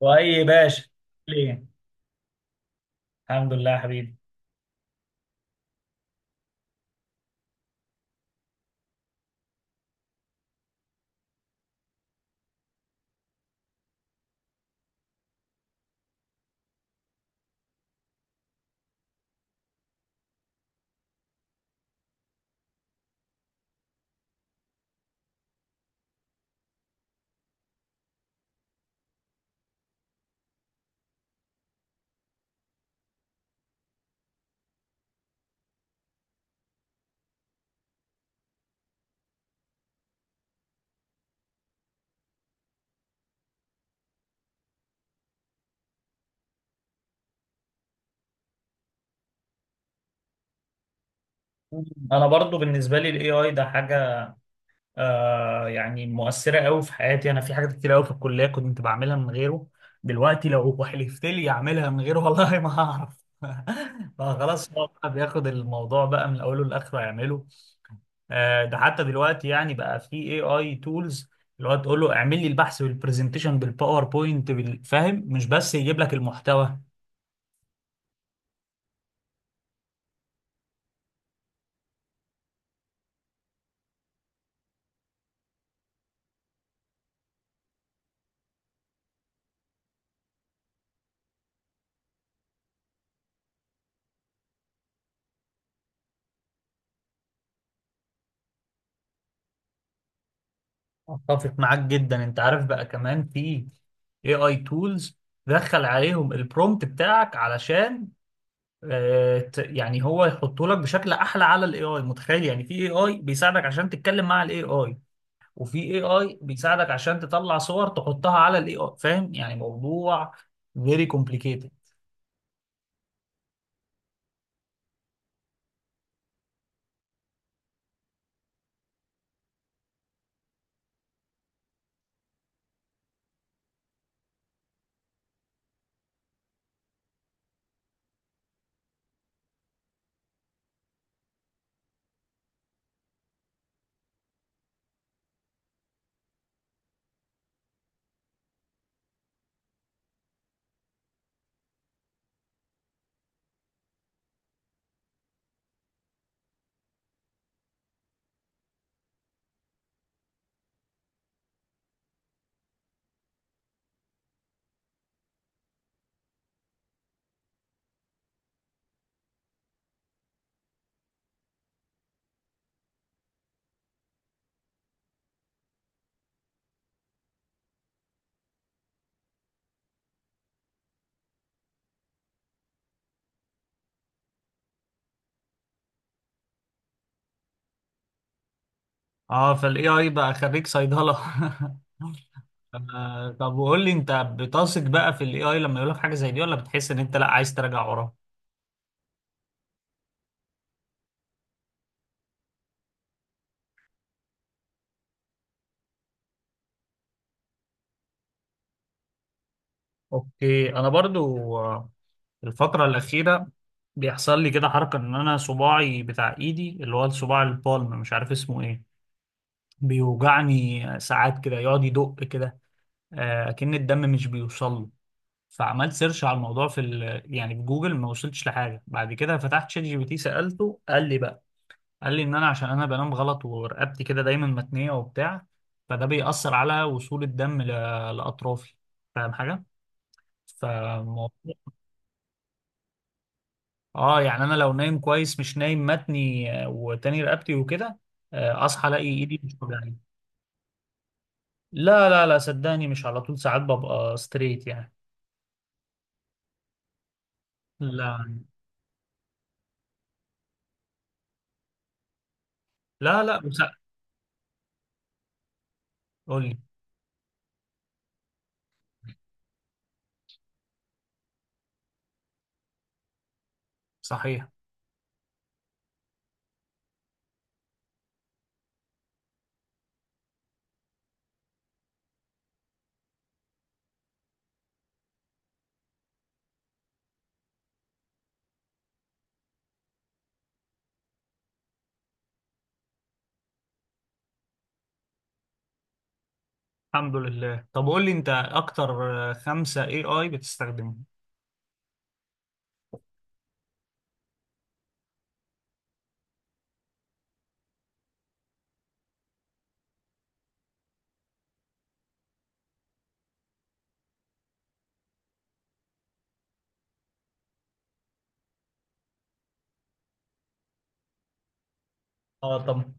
واي باشا، ليه؟ الحمد لله يا حبيبي. انا برضو بالنسبه لي الاي اي ده حاجه، يعني مؤثره قوي في حياتي. انا في حاجات كتير قوي في الكليه كنت بعملها من غيره، دلوقتي لو حلفت لي اعملها من غيره والله ما هعرف. فخلاص هو بقى بياخد الموضوع بقى من اوله لاخره يعمله. ده حتى دلوقتي يعني بقى في اي اي تولز، اللي هو تقول له اعمل لي البحث والبرزنتيشن بالباوربوينت بالفاهم، مش بس يجيب لك المحتوى. اتفق معاك جدا. انت عارف بقى، كمان في AI tools دخل عليهم البرومت بتاعك علشان يعني هو يحطه لك بشكل احلى على الاي اي. متخيل؟ يعني في اي اي بيساعدك عشان تتكلم مع الاي اي، وفي اي اي بيساعدك عشان تطلع صور تحطها على الاي اي. فاهم؟ يعني موضوع very complicated. اه، فالاي اي بقى خريج صيدلة. طب وقول لي، انت بتثق بقى في الاي اي لما يقول لك حاجة زي دي، ولا بتحس ان انت لا، عايز تراجع وراه؟ اوكي. انا برضو الفترة الأخيرة بيحصل لي كده حركة، ان انا صباعي بتاع ايدي اللي هو الصباع البالم، مش عارف اسمه ايه، بيوجعني ساعات كده، يقعد يدق كده، اكن الدم مش بيوصل له. فعملت سيرش على الموضوع في ال... يعني في جوجل، ما وصلتش لحاجة. بعد كده فتحت شات جي بي تي، سألته، قال لي بقى، قال لي ان انا عشان انا بنام غلط ورقبتي كده دايما متنية وبتاع، فده بيأثر على وصول الدم ل... لأطرافي. فاهم حاجة؟ فالموضوع... اه يعني انا لو نايم كويس، مش نايم متني وتاني رقبتي وكده، اصحى الاقي ايدي مش وجعاني. لا لا لا، صدقني مش على طول، ساعات ببقى ستريت يعني. لا لا، قول لي. صحيح. الحمد لله. طب قول لي، انت اكتر خمسة اي اي بتستخدمهم؟ اه طب،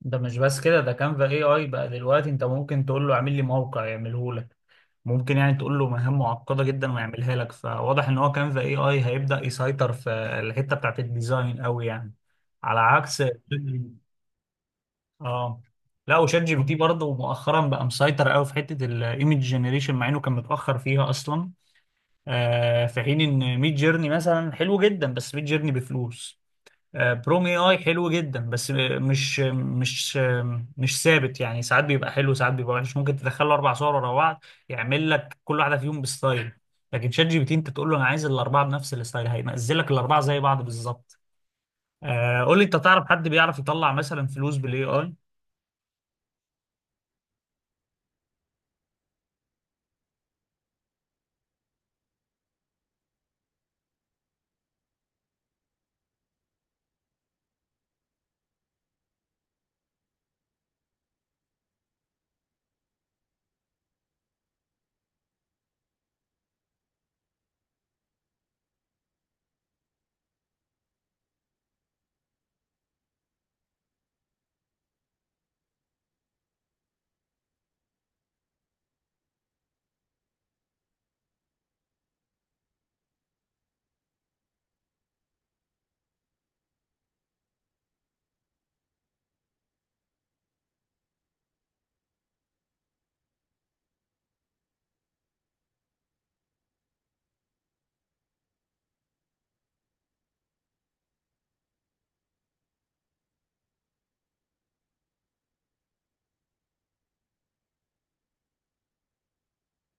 ده مش بس كده، ده كانفا اي اي بقى دلوقتي انت ممكن تقول له اعمل لي موقع يعمله. ممكن يعني تقول له مهام معقدة جدا ويعملها لك. فواضح ان هو كان في اي اي هيبدأ يسيطر في الحتة بتاعت الديزاين قوي يعني، على عكس... اه لا. وشات جي بي تي برضه مؤخرا بقى مسيطر قوي في حتة الايمج جنريشن، مع انه كان متأخر فيها اصلا. آه، في حين ان ميد جيرني مثلا حلو جدا، بس ميد جيرني بفلوس. بروم اي اي حلو جدا بس مش مش مش ثابت. يعني ساعات بيبقى حلو، ساعات بيبقى وحش. ممكن تدخل له اربع صور ورا بعض، يعمل لك كل واحده فيهم بستايل. لكن شات جي بي تي، انت تقول له انا عايز الاربعه بنفس الستايل، هينزل لك الاربعه زي بعض بالظبط. قول لي، انت تعرف حد بيعرف يطلع مثلا فلوس بالاي اي؟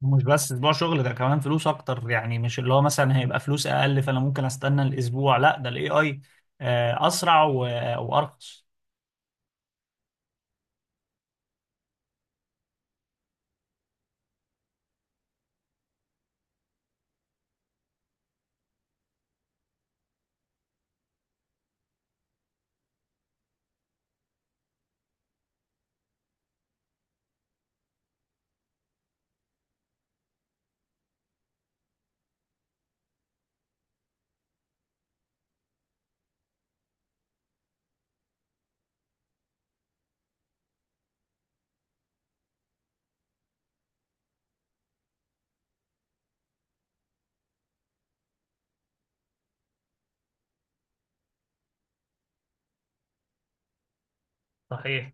مش بس اسبوع شغل، ده كمان فلوس اكتر. يعني مش اللي هو مثلا هيبقى فلوس اقل فانا ممكن استنى الاسبوع، لا ده الاي اي اسرع وارخص. صحيح.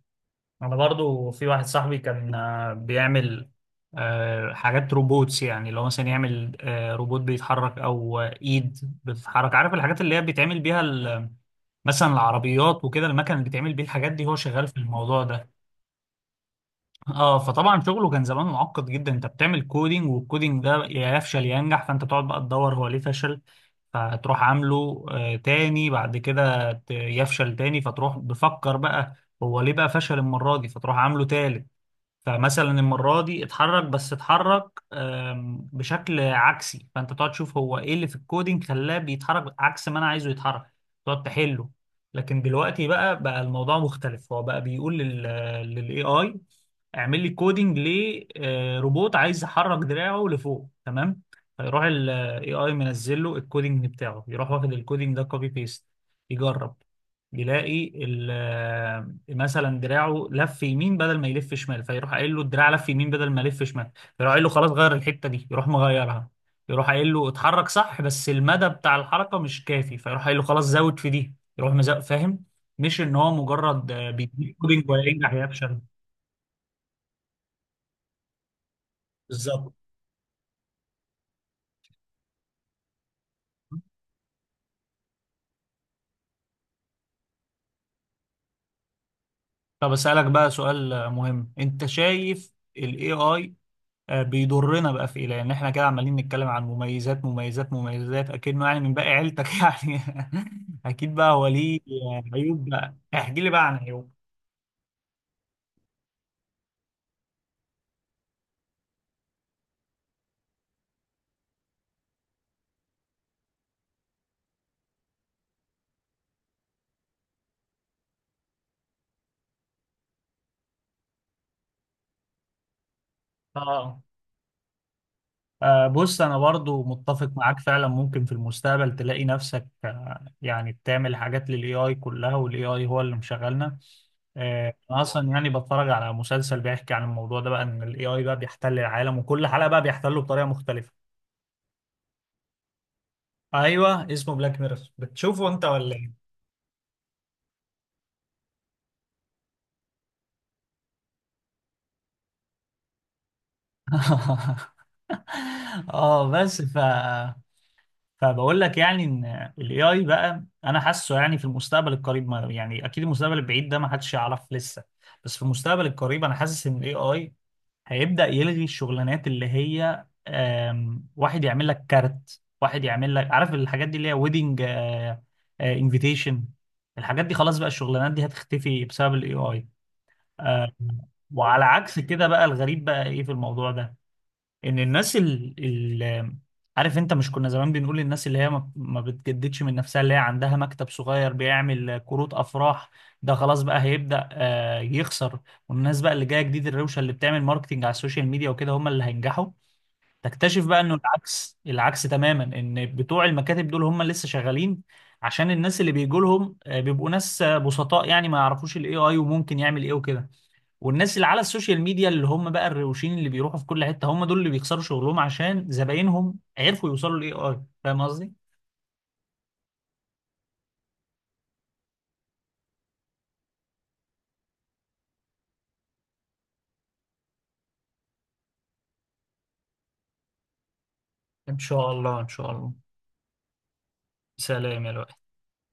انا برضو في واحد صاحبي كان بيعمل حاجات روبوتس. يعني لو مثلا يعمل روبوت بيتحرك، او ايد بتتحرك. عارف الحاجات اللي هي بيتعمل بيها ال... مثلا العربيات وكده، المكن اللي بيتعمل بيه الحاجات دي، هو شغال في الموضوع ده. اه فطبعا شغله كان زمان معقد جدا. انت بتعمل كودينج، والكودينج ده يا يفشل يا ينجح، فانت تقعد بقى تدور هو ليه فشل، فتروح عامله تاني. بعد كده يفشل تاني، فتروح بفكر بقى هو ليه بقى فشل المرة دي، فتروح عامله تالت. فمثلا المرة دي اتحرك، بس اتحرك بشكل عكسي، فانت تقعد تشوف هو ايه اللي في الكودينج خلاه بيتحرك عكس ما انا عايزه يتحرك، تقعد تحله. لكن دلوقتي بقى الموضوع مختلف. هو بقى بيقول للاي اي اعمل لي كودينج لروبوت عايز يحرك دراعه لفوق، تمام؟ فيروح الاي اي منزل له الكودينج بتاعه. يروح واخد الكودينج ده كوبي بيست، يجرب، يلاقي مثلا دراعه لف يمين بدل ما يلف شمال، فيروح قايل له الدراع لف يمين بدل ما لف شمال، فيروح قايل له خلاص غير الحتة دي، يروح مغيرها. يروح قايل له اتحرك صح بس المدى بتاع الحركة مش كافي، فيروح قايل له خلاص زود في دي، يروح مزود. فاهم؟ مش ان هو مجرد بيديك كودينج ولا ينجح يفشل. بالظبط. طب اسألك بقى سؤال مهم، انت شايف ال AI بيضرنا بقى في ايه؟ لان احنا كده عمالين نتكلم عن مميزات مميزات مميزات، اكنه يعني من باقي عيلتك يعني. اكيد بقى هو ليه عيوب، بقى احكي لي بقى عن عيوب. اه بص، انا برضو متفق معاك. فعلا ممكن في المستقبل تلاقي نفسك يعني بتعمل حاجات للاي اي كلها، والاي اي هو اللي مشغلنا. انا اصلا يعني بتفرج على مسلسل بيحكي عن الموضوع ده بقى، ان الاي اي بقى بيحتل العالم، وكل حلقة بقى بيحتله بطريقة مختلفة. ايوه اسمه بلاك ميرور. بتشوفه انت ولا إيه؟ اه بس فبقول لك يعني، ان الاي اي بقى انا حاسه يعني في المستقبل القريب، ما يعني اكيد المستقبل البعيد ده ما حدش يعرف لسه، بس في المستقبل القريب انا حاسس ان الاي اي هيبدأ يلغي الشغلانات اللي هي واحد يعمل لك كارت، واحد يعمل لك، عارف الحاجات دي اللي هي ويدنج انفيتيشن. الحاجات دي خلاص بقى، الشغلانات دي هتختفي بسبب الاي اي. وعلى عكس كده بقى، الغريب بقى ايه في الموضوع ده، ان الناس ال... عارف، انت مش كنا زمان بنقول الناس اللي هي ما بتجددش من نفسها، اللي هي عندها مكتب صغير بيعمل كروت افراح، ده خلاص بقى هيبدأ يخسر. والناس بقى اللي جايه جديد، الروشه اللي بتعمل ماركتينج على السوشيال ميديا وكده، هم اللي هينجحوا. تكتشف بقى انه العكس، العكس تماما. ان بتوع المكاتب دول هم لسه شغالين، عشان الناس اللي بيجوا لهم بيبقوا ناس بسطاء، يعني ما يعرفوش الاي اي وممكن يعمل ايه وكده. والناس اللي على السوشيال ميديا، اللي هم بقى الروشين اللي بيروحوا في كل حتة، هم دول اللي بيخسروا شغلهم، عشان زباينهم عرفوا يوصلوا للاي اي. فاهم قصدي؟ ان شاء الله، ان شاء الله. سلام يا لؤي.